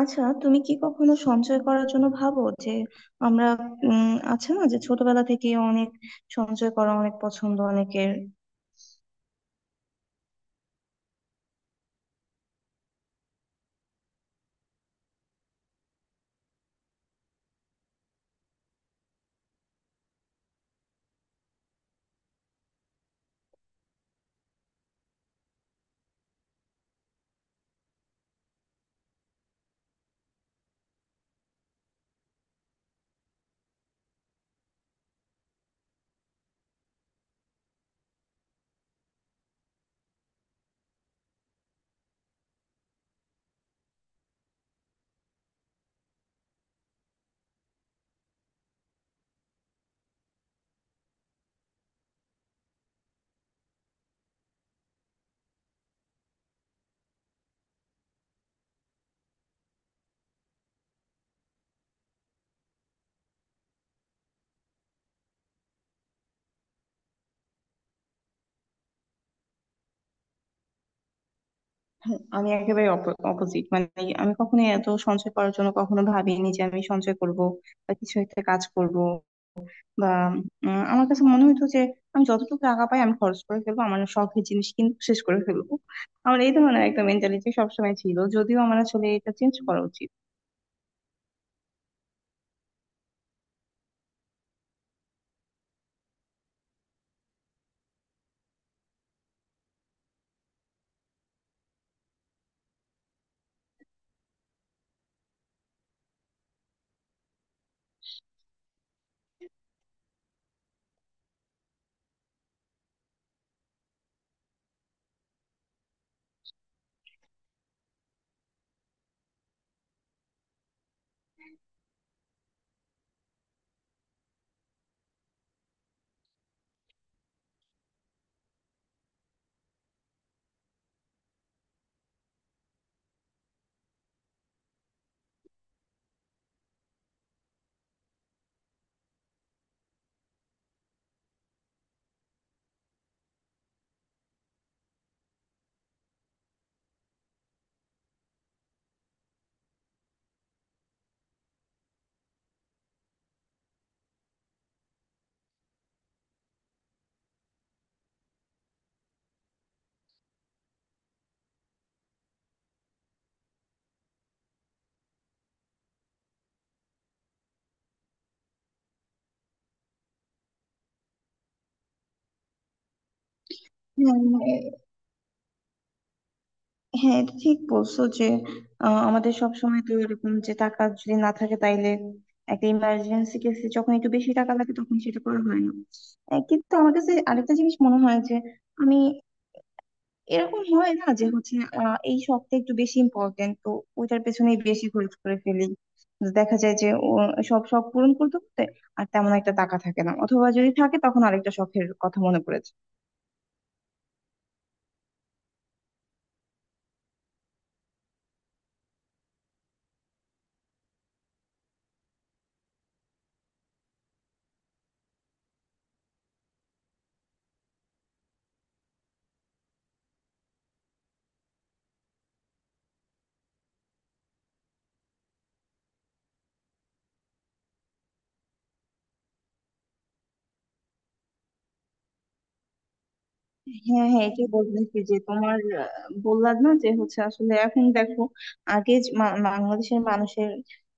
আচ্ছা, তুমি কি কখনো সঞ্চয় করার জন্য ভাবো যে আমরা আছে না, যে ছোটবেলা থেকে অনেক সঞ্চয় করা অনেক পছন্দ অনেকের? হুম, আমি একেবারে অপোজিট। মানে আমি কখনো এত সঞ্চয় করার জন্য কখনো ভাবিনি যে আমি সঞ্চয় করব, বা কিছু একটা কাজ করব, বা আমার কাছে মনে হতো যে আমি যতটুকু টাকা পাই, আমি খরচ করে ফেলবো, আমার শখের জিনিস কিন্তু শেষ করে ফেলবো। আমার এই ধরনের একটা মেন্টালিটি সবসময় ছিল, যদিও আমার আসলে এটা চেঞ্জ করা উচিত। হ্যাঁ, হ্যাঁ, এটা ঠিক বলছো যে আমাদের সব সময় তো এরকম, যে টাকা যদি না থাকে তাইলে একটা ইমার্জেন্সি কেসে যখন একটু বেশি টাকা লাগে তখন সেটা করা হয় না। কিন্তু আমার কাছে আরেকটা জিনিস মনে হয় যে আমি এরকম হয় না যে হচ্ছে এই শখটা একটু বেশি ইম্পর্টেন্ট তো ওইটার পেছনেই বেশি খরচ করে ফেলি। দেখা যায় যে ও সব শখ পূরণ করতে করতে আর তেমন একটা টাকা থাকে না, অথবা যদি থাকে তখন আরেকটা শখের কথা মনে পড়ে যায়। হ্যাঁ, হ্যাঁ, এটাই বলতেছি যে তোমার আহ, বললাম না যে হচ্ছে আসলে এখন দেখো, আগে যে বাংলাদেশের মানুষের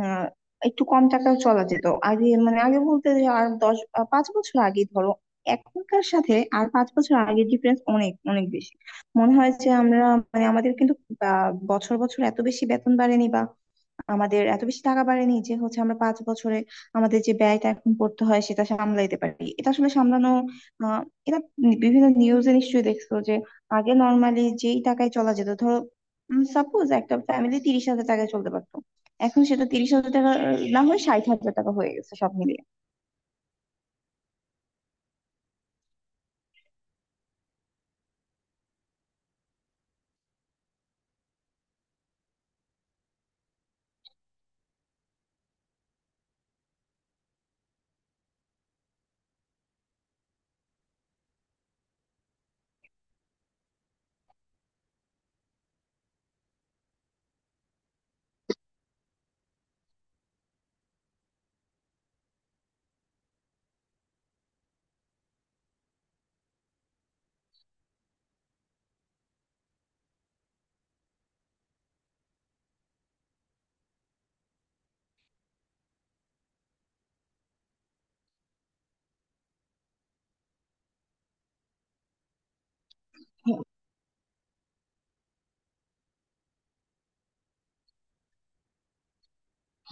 আহ, একটু কম টাকাও চলা যেত। আগে মানে আগে বলতে যে আর 10 5 বছর আগে ধরো, এখনকার সাথে আর 5 বছর আগের ডিফারেন্স অনেক অনেক বেশি। মনে হয় যে আমরা, মানে আমাদের কিন্তু বছর বছর এত বেশি বেতন বাড়েনি, বা আমাদের এত বেশি টাকা বাড়েনি যে হচ্ছে আমরা 5 বছরে আমাদের যে ব্যয়টা এখন করতে হয় সেটা সামলাইতে পারি। এটা আসলে সামলানো, আহ এটা বিভিন্ন নিউজে নিশ্চয়ই দেখছো যে আগে নর্মালি যেই টাকায় চলা যেত, ধরো সাপোজ একটা ফ্যামিলি 30,000 টাকায় চলতে পারতো, এখন সেটা 30,000 টাকা না হয়ে 60,000 টাকা হয়ে গেছে সব মিলিয়ে।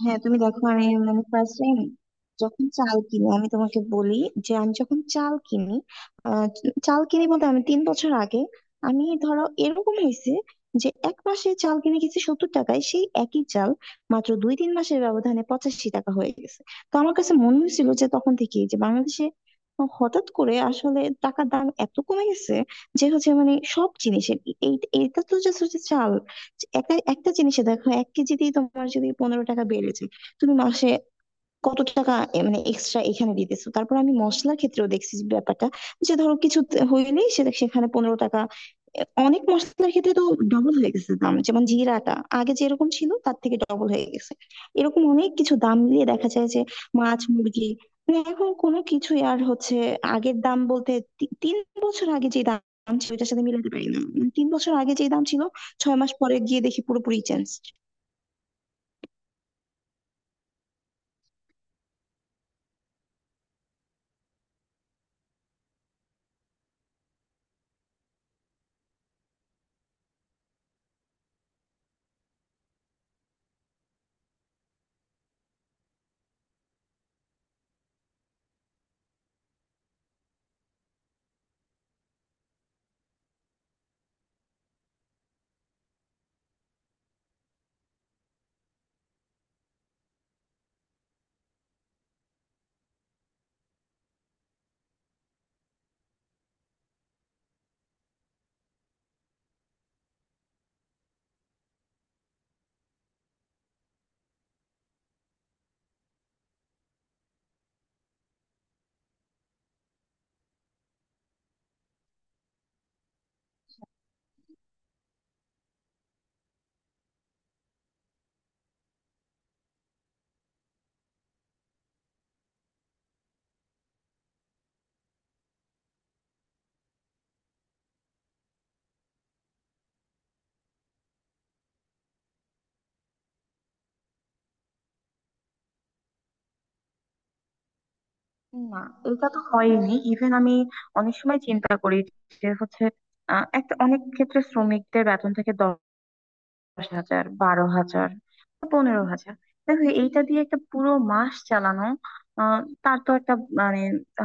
হ্যাঁ, তুমি দেখো, আমি মানে ফার্স্ট টাইম যখন চাল কিনি, আমি তোমাকে বলি যে আমি যখন চাল কিনি, আহ, চাল কিনি বলতে আমি 3 বছর আগে, আমি ধরো এরকম হয়েছে যে এক মাসে চাল কিনে গেছি 70 টাকায়, সেই একই চাল মাত্র 2-3 মাসের ব্যবধানে 85 টাকা হয়ে গেছে। তো আমার কাছে মনে হয়েছিল যে তখন থেকে যে বাংলাদেশে হঠাৎ করে আসলে টাকার দাম এত কমে গেছে যে হচ্ছে মানে সব জিনিসের এই, এটা তো just হচ্ছে চাল। একটা একটা জিনিসে দেখো, এক কেজিতেই তোমার যদি 15 টাকা বেড়ে যায়, তুমি মাসে কত টাকা মানে এক্সট্রা এখানে দিতেছো। তারপর আমি মশলার ক্ষেত্রেও দেখছি যে ব্যাপারটা, যে ধরো কিছু হইলেই সেটা সেখানে 15 টাকা। অনেক মশলার ক্ষেত্রে তো ডবল হয়ে গেছে দাম, যেমন জিরাটা আগে যেরকম ছিল তার থেকে ডবল হয়ে গেছে। এরকম অনেক কিছু দাম মিলিয়ে দেখা যায় যে মাছ, মুরগি, মানে এখন কোনো কিছুই আর হচ্ছে আগের দাম বলতে 3 বছর আগে যে দাম ছিল ওইটার সাথে মিলাতে পারি না। মানে 3 বছর আগে যে দাম ছিল, 6 মাস পরে গিয়ে দেখি পুরোপুরি চেঞ্জ। না, এটা তো হয়নি। ইভেন আমি অনেক সময় চিন্তা করি যে হচ্ছে একটা অনেক ক্ষেত্রে শ্রমিকদের বেতন থেকে 10,000, 12,000, বা 15,000, দেখো এইটা দিয়ে একটা পুরো মাস চালানো, আহ, তার তো একটা মানে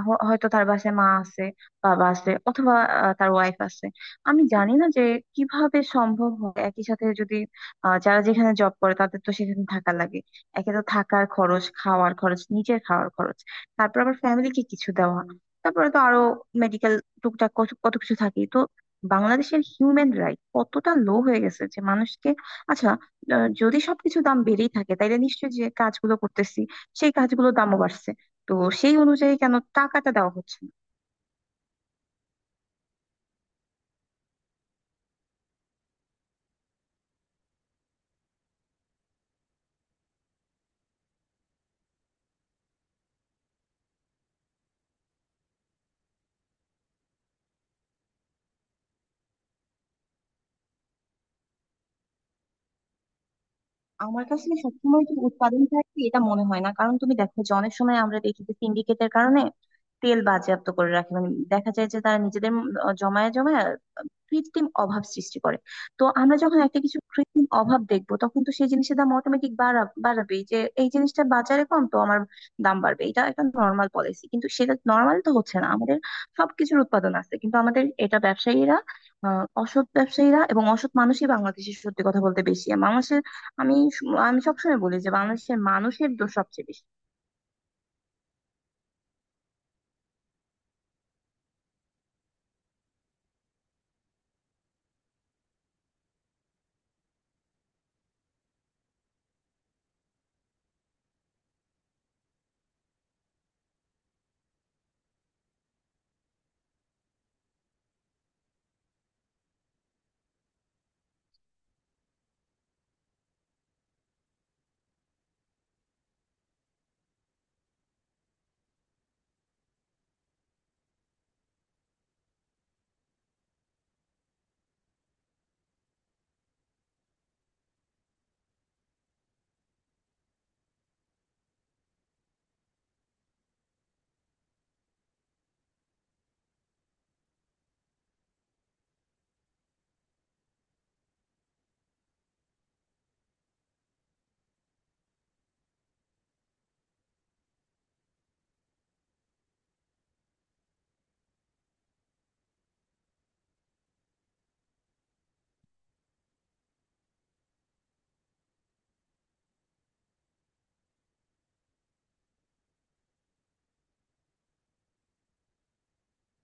হয়তো তার বাসায় মা আছে, বাবা আছে, অথবা তার ওয়াইফ আছে। আমি জানি না যে কিভাবে সম্ভব হয় একই সাথে যদি যারা যেখানে জব করে তাদের তো সেখানে থাকা লাগে। একে তো থাকার খরচ, খাওয়ার খরচ, নিজের খাওয়ার খরচ, তারপর আবার ফ্যামিলিকে কিছু দেওয়া, তারপরে তো আরো মেডিকেল, টুকটাক কত কত কিছু থাকে তো। বাংলাদেশের হিউম্যান রাইট কতটা লো হয়ে গেছে যে মানুষকে, আচ্ছা, যদি সবকিছু দাম বেড়েই থাকে তাইলে নিশ্চয়ই যে কাজগুলো করতেছি সেই কাজগুলোর দামও বাড়ছে, তো সেই অনুযায়ী কেন টাকাটা দেওয়া হচ্ছে না? আমার কাছে সবসময় যে উৎপাদন ঘাটতি এটা মনে হয় না, কারণ তুমি দেখো যে অনেক সময় আমরা দেখি যে সিন্ডিকেটের কারণে তেল বাজেয়াপ্ত করে রাখে, মানে দেখা যায় যে তারা নিজেদের জমায় জমায় কৃত্রিম অভাব সৃষ্টি করে। তো আমরা যখন একটা কিছু কৃত্রিম অভাব দেখবো তখন তো সেই জিনিসের দাম অটোমেটিক বাড়াবেই, যে এই জিনিসটা বাজারে কম তো আমার দাম বাড়বে। এটা একটা নর্মাল পলিসি, কিন্তু সেটা নর্মাল তো হচ্ছে না, আমাদের সবকিছুর উৎপাদন আছে, কিন্তু আমাদের এটা ব্যবসায়ীরা, অসৎ ব্যবসায়ীরা, এবং অসৎ মানুষই বাংলাদেশে সত্যি কথা বলতে বেশি, আর মানুষের, আমি আমি সবসময় বলি যে বাংলাদেশের মানুষের দোষ সবচেয়ে বেশি।